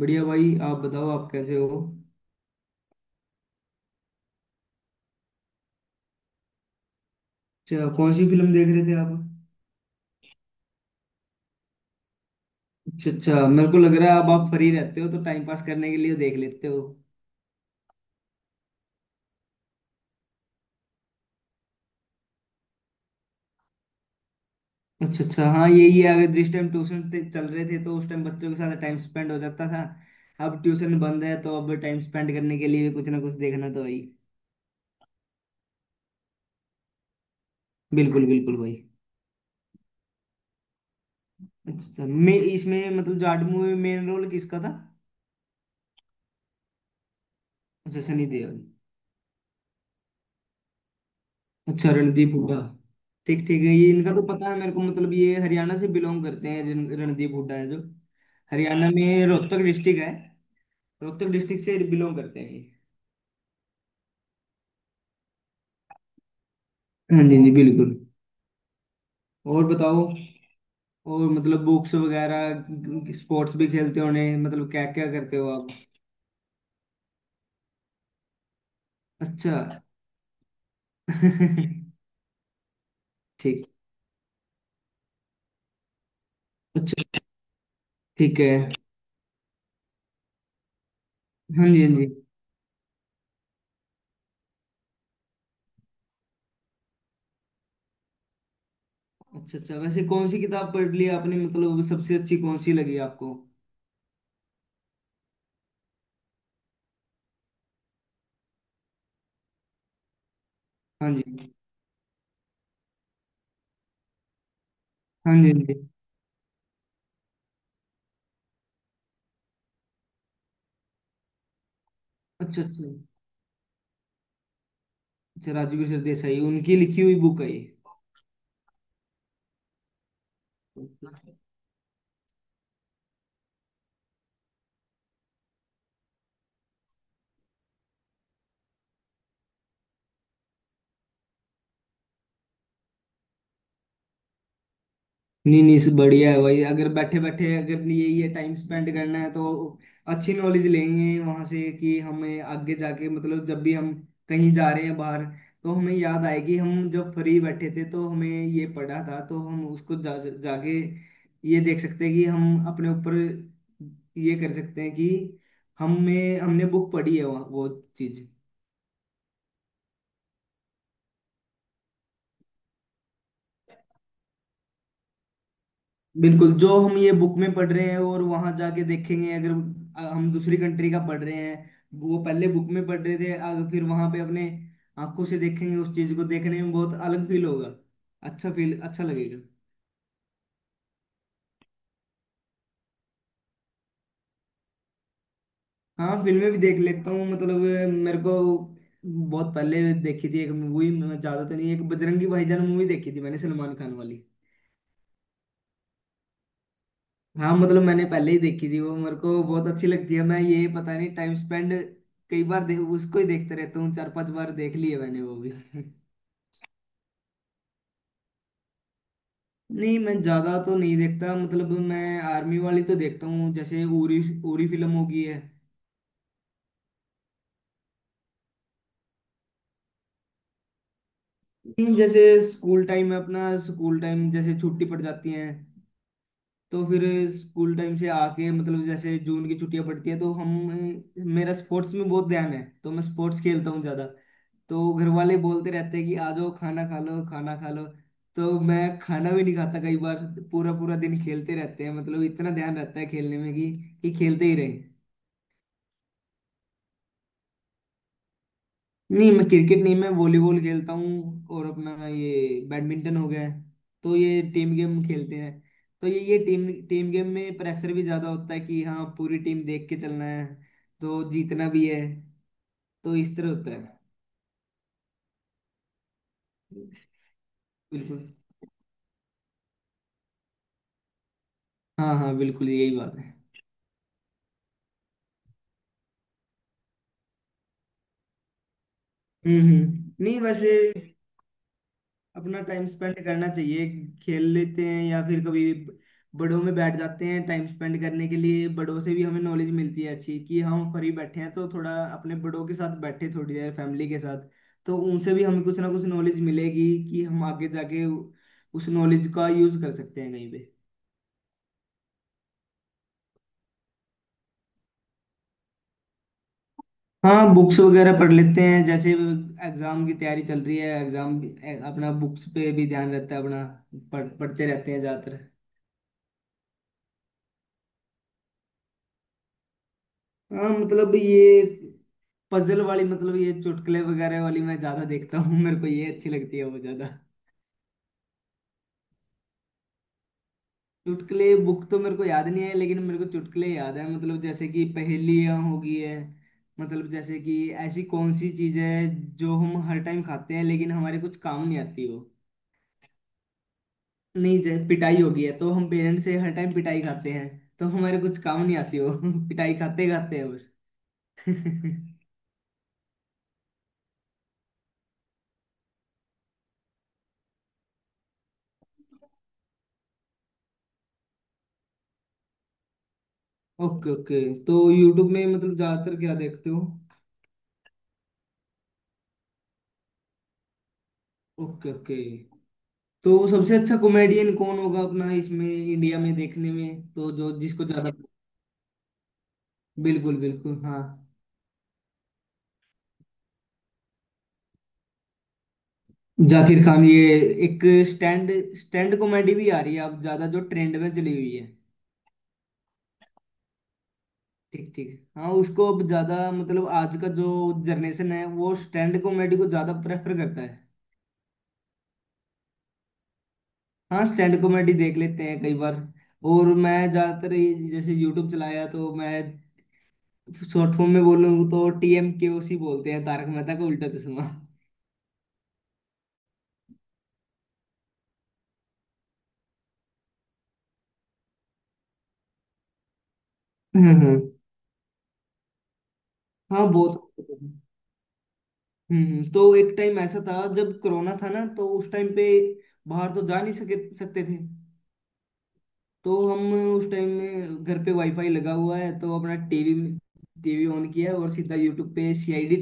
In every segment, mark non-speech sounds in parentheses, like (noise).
बढ़िया भाई। आप बताओ, आप कैसे हो? अच्छा, कौन सी फिल्म देख रहे थे आप? अच्छा अच्छा, मेरे को लग रहा है अब आप फ्री रहते हो तो टाइम पास करने के लिए देख लेते हो। अच्छा अच्छा, हाँ यही है। अगर जिस टाइम ट्यूशन ते चल रहे थे तो उस टाइम बच्चों के साथ टाइम स्पेंड हो जाता था। अब ट्यूशन बंद है तो अब टाइम स्पेंड करने के लिए कुछ ना कुछ देखना तो है ही। बिल्कुल बिल्कुल भाई। अच्छा अच्छा, मैं इसमें मतलब जाट मूवी में मेन रोल किसका था? अच्छा, सनी देओल। अच्छा, रणदीप हुड्डा। ठीक ठीक है, ये इनका तो पता है मेरे को। मतलब ये हरियाणा से बिलोंग करते हैं, रणदीप हुड्डा है जो। हरियाणा में रोहतक डिस्ट्रिक्ट है। रोहतक डिस्ट्रिक्ट से बिलोंग करते हैं ये। हाँ जी जी, बिल्कुल। और बताओ। और मतलब बुक्स वगैरह, स्पोर्ट्स भी खेलते होने, मतलब क्या क्या करते हो आप? अच्छा। (laughs) ठीक। अच्छा। ठीक है। हाँ जी हाँ जी। अच्छा अच्छा, वैसे कौन सी किताब पढ़ ली आपने, मतलब सबसे अच्छी कौन सी लगी आपको? हाँ जी हाँ जी। हाँ जी। अच्छा अच्छा। अच्छा, राजवीर सरदेसाई, उनकी लिखी हुई बुक है ये? नहीं नहीं, बढ़िया है भाई। अगर बैठे बैठे अगर ये ये टाइम स्पेंड करना है तो अच्छी नॉलेज लेंगे वहां से, कि हमें आगे जाके, मतलब जब भी हम कहीं जा रहे हैं बाहर, तो हमें याद आएगी, हम जब फ्री बैठे थे तो हमें ये पढ़ा था, तो हम उसको जाके ये देख सकते हैं कि हम अपने ऊपर ये कर सकते हैं, कि हमें, हमने बुक पढ़ी है वो चीज। बिल्कुल, जो हम ये बुक में पढ़ रहे हैं और वहां जाके देखेंगे, अगर हम दूसरी कंट्री का पढ़ रहे हैं, वो पहले बुक में पढ़ रहे थे, अगर फिर वहां पे अपने आंखों से देखेंगे, उस चीज को देखने में बहुत अलग फील होगा। अच्छा फील अच्छा लगेगा। हाँ, फिल्में भी देख लेता हूँ, मतलब मेरे को बहुत पहले देखी थी एक मूवी। ज्यादा तो नहीं, एक बजरंगी भाईजान मूवी देखी थी मैंने, सलमान खान वाली। हाँ, मतलब मैंने पहले ही देखी थी वो, मेरे को बहुत अच्छी लगती है। मैं ये पता नहीं, टाइम स्पेंड कई बार उसको ही देखते रहता हूँ। चार पांच बार देख लिए मैंने वो भी। (laughs) नहीं, मैं ज्यादा तो नहीं देखता, मतलब मैं आर्मी वाली तो देखता हूँ, जैसे उरी। उरी फिल्म होगी है। नहीं, जैसे स्कूल टाइम में अपना स्कूल टाइम जैसे छुट्टी पड़ जाती है तो फिर स्कूल टाइम से आके मतलब जैसे जून की छुट्टियां पड़ती है तो हम, मेरा स्पोर्ट्स में बहुत ध्यान है तो मैं स्पोर्ट्स खेलता हूँ ज्यादा। तो घर वाले बोलते रहते हैं कि आ जाओ खाना खा लो, खाना खा लो, तो मैं खाना भी नहीं खाता कई बार। पूरा पूरा दिन खेलते रहते हैं, मतलब इतना ध्यान रहता है खेलने में कि खेलते ही रहे। नहीं, मैं क्रिकेट नहीं, मैं वॉलीबॉल खेलता हूँ और अपना ये बैडमिंटन हो गया है। तो ये टीम गेम खेलते हैं। तो ये टीम टीम गेम में प्रेशर भी ज्यादा होता है, कि हाँ पूरी टीम देख के चलना है, तो जीतना भी है। तो इस तरह होता है। बिल्कुल। हाँ हाँ, बिल्कुल यही बात है। नहीं, वैसे अपना टाइम स्पेंड करना चाहिए। खेल लेते हैं या फिर कभी बड़ों में बैठ जाते हैं टाइम स्पेंड करने के लिए। बड़ों से भी हमें नॉलेज मिलती है अच्छी, कि हम फ्री बैठे हैं तो थोड़ा अपने बड़ों के साथ बैठे, थोड़ी देर फैमिली के साथ। तो उनसे भी हमें कुछ ना कुछ नॉलेज मिलेगी कि हम आगे जाके उस नॉलेज का यूज कर सकते हैं कहीं पे। हाँ, बुक्स वगैरह पढ़ लेते हैं। जैसे एग्जाम की तैयारी चल रही है, एग्जाम, अपना बुक्स पे भी ध्यान रहता है अपना। पढ़ते रहते हैं ज्यादातर। हाँ, मतलब ये पजल वाली, मतलब ये चुटकुले वगैरह वाली मैं ज्यादा देखता हूँ। मेरे को ये अच्छी लगती है, वो ज्यादा। चुटकुले बुक तो मेरे को याद नहीं है, लेकिन मेरे को चुटकुले याद है। मतलब जैसे कि पहेलियाँ हो गई है, मतलब जैसे कि ऐसी कौन सी चीज है जो हम हर टाइम खाते हैं लेकिन हमारे कुछ काम नहीं आती वो। नहीं, जैसे पिटाई हो गई है, तो हम पेरेंट्स से हर टाइम पिटाई खाते हैं, तो हमारे कुछ काम नहीं आती वो। (laughs) पिटाई खाते खाते हैं बस। (laughs) ओके ओके, तो यूट्यूब में मतलब ज्यादातर क्या देखते हो? ओके ओके, तो सबसे अच्छा कॉमेडियन कौन होगा अपना इसमें, इंडिया में देखने में, तो जो जिसको ज्यादा। बिल्कुल बिल्कुल, हाँ। जाकिर खान, ये एक स्टैंड स्टैंड कॉमेडी भी आ रही है अब ज्यादा, जो ट्रेंड में चली हुई है। ठीक ठीक। हाँ, उसको अब ज्यादा, मतलब आज का जो जनरेशन है वो स्टैंड कॉमेडी को ज्यादा प्रेफर करता है। हाँ, स्टैंड कॉमेडी देख लेते हैं कई बार। और मैं ज्यादातर जैसे यूट्यूब चलाया तो मैं शॉर्ट फॉर्म में बोलूँ तो T M K O C बोलते हैं, तारक मेहता का उल्टा चश्मा। (laughs) हाँ बोल सकते हैं। तो एक टाइम ऐसा था जब कोरोना था ना, तो उस टाइम पे बाहर तो जा नहीं सके सकते थे। तो हम उस टाइम में घर पे वाईफाई लगा हुआ है, तो अपना टीवी में टीवी ऑन किया और सीधा यूट्यूब पे सीआईडी,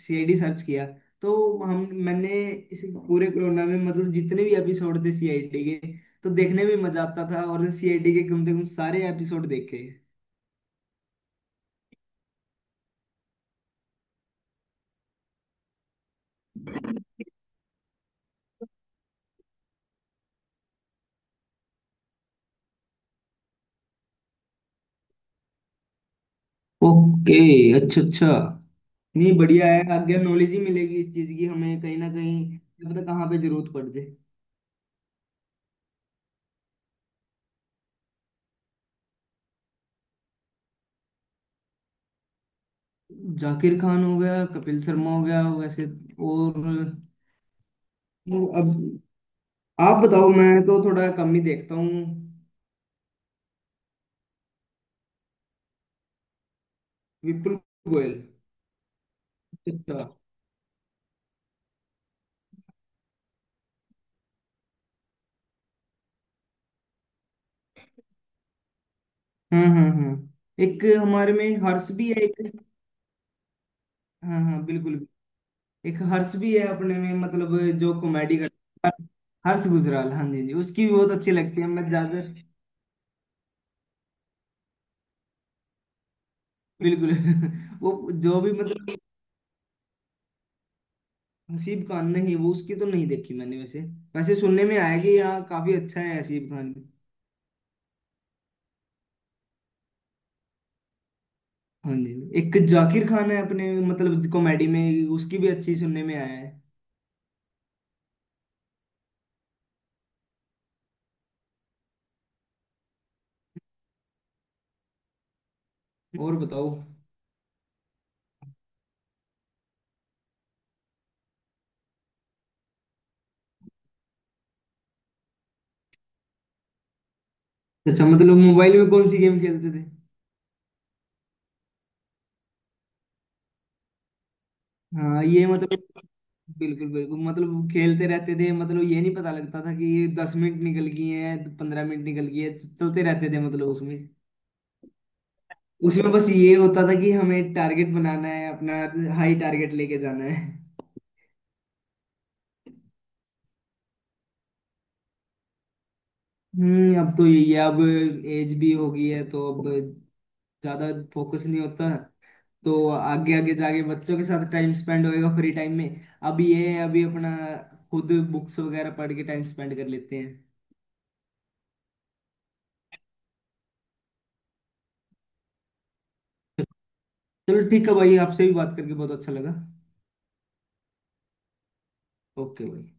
सर्च किया। तो हम मैंने इस पूरे कोरोना में, मतलब जितने भी एपिसोड थे सीआईडी के, तो देखने में मजा आता था। और सीआईडी के कम से कम सारे एपिसोड देखे। ओके। अच्छा अच्छा। नहीं, बढ़िया है, आगे नॉलेज ही मिलेगी इस चीज की हमें। कहीं ना कहीं क्या पता कहाँ पे जरूरत पड़ जाए। जाकिर खान हो गया, कपिल शर्मा हो गया, वैसे। और वो अब आप बताओ, मैं तो थोड़ा कम ही देखता हूँ। विपुल गोयल। अच्छा। हाँ हाँ हाँ। एक हमारे में हर्ष भी है एक। हाँ हाँ बिल्कुल। एक हर्ष भी है अपने में, मतलब जो कॉमेडी करता है। हर्ष गुजराल, हाँ जी हाँ जी, उसकी भी बहुत अच्छी लगती है मैं ज्यादा। बिल्कुल। (laughs) वो जो भी मतलब। हसीब खान, नहीं, वो उसकी तो नहीं देखी मैंने। वैसे, वैसे सुनने में आया कि यहाँ काफी अच्छा है हसीब खान। हाँ जी। एक जाकिर खान है अपने मतलब कॉमेडी में, उसकी भी अच्छी सुनने में आया है। और बताओ। अच्छा, मतलब मोबाइल में कौन सी गेम खेलते थे? हाँ, ये मतलब बिल्कुल बिल्कुल, मतलब खेलते रहते थे, मतलब ये नहीं पता लगता था कि ये 10 मिनट निकल गई हैं, 15 मिनट निकल गई है, चलते रहते थे मतलब उसमें। उसमें बस ये होता था कि हमें टारगेट बनाना है अपना, हाई टारगेट लेके जाना है। अब तो यही है। अब एज भी हो गई है तो अब ज्यादा फोकस नहीं होता। तो आगे आगे जाके बच्चों के साथ टाइम स्पेंड होएगा फ्री टाइम में। अब ये है, अभी अपना खुद बुक्स वगैरह पढ़ के टाइम स्पेंड कर लेते हैं। चलो ठीक है भाई, आपसे भी बात करके बहुत अच्छा लगा। ओके भाई।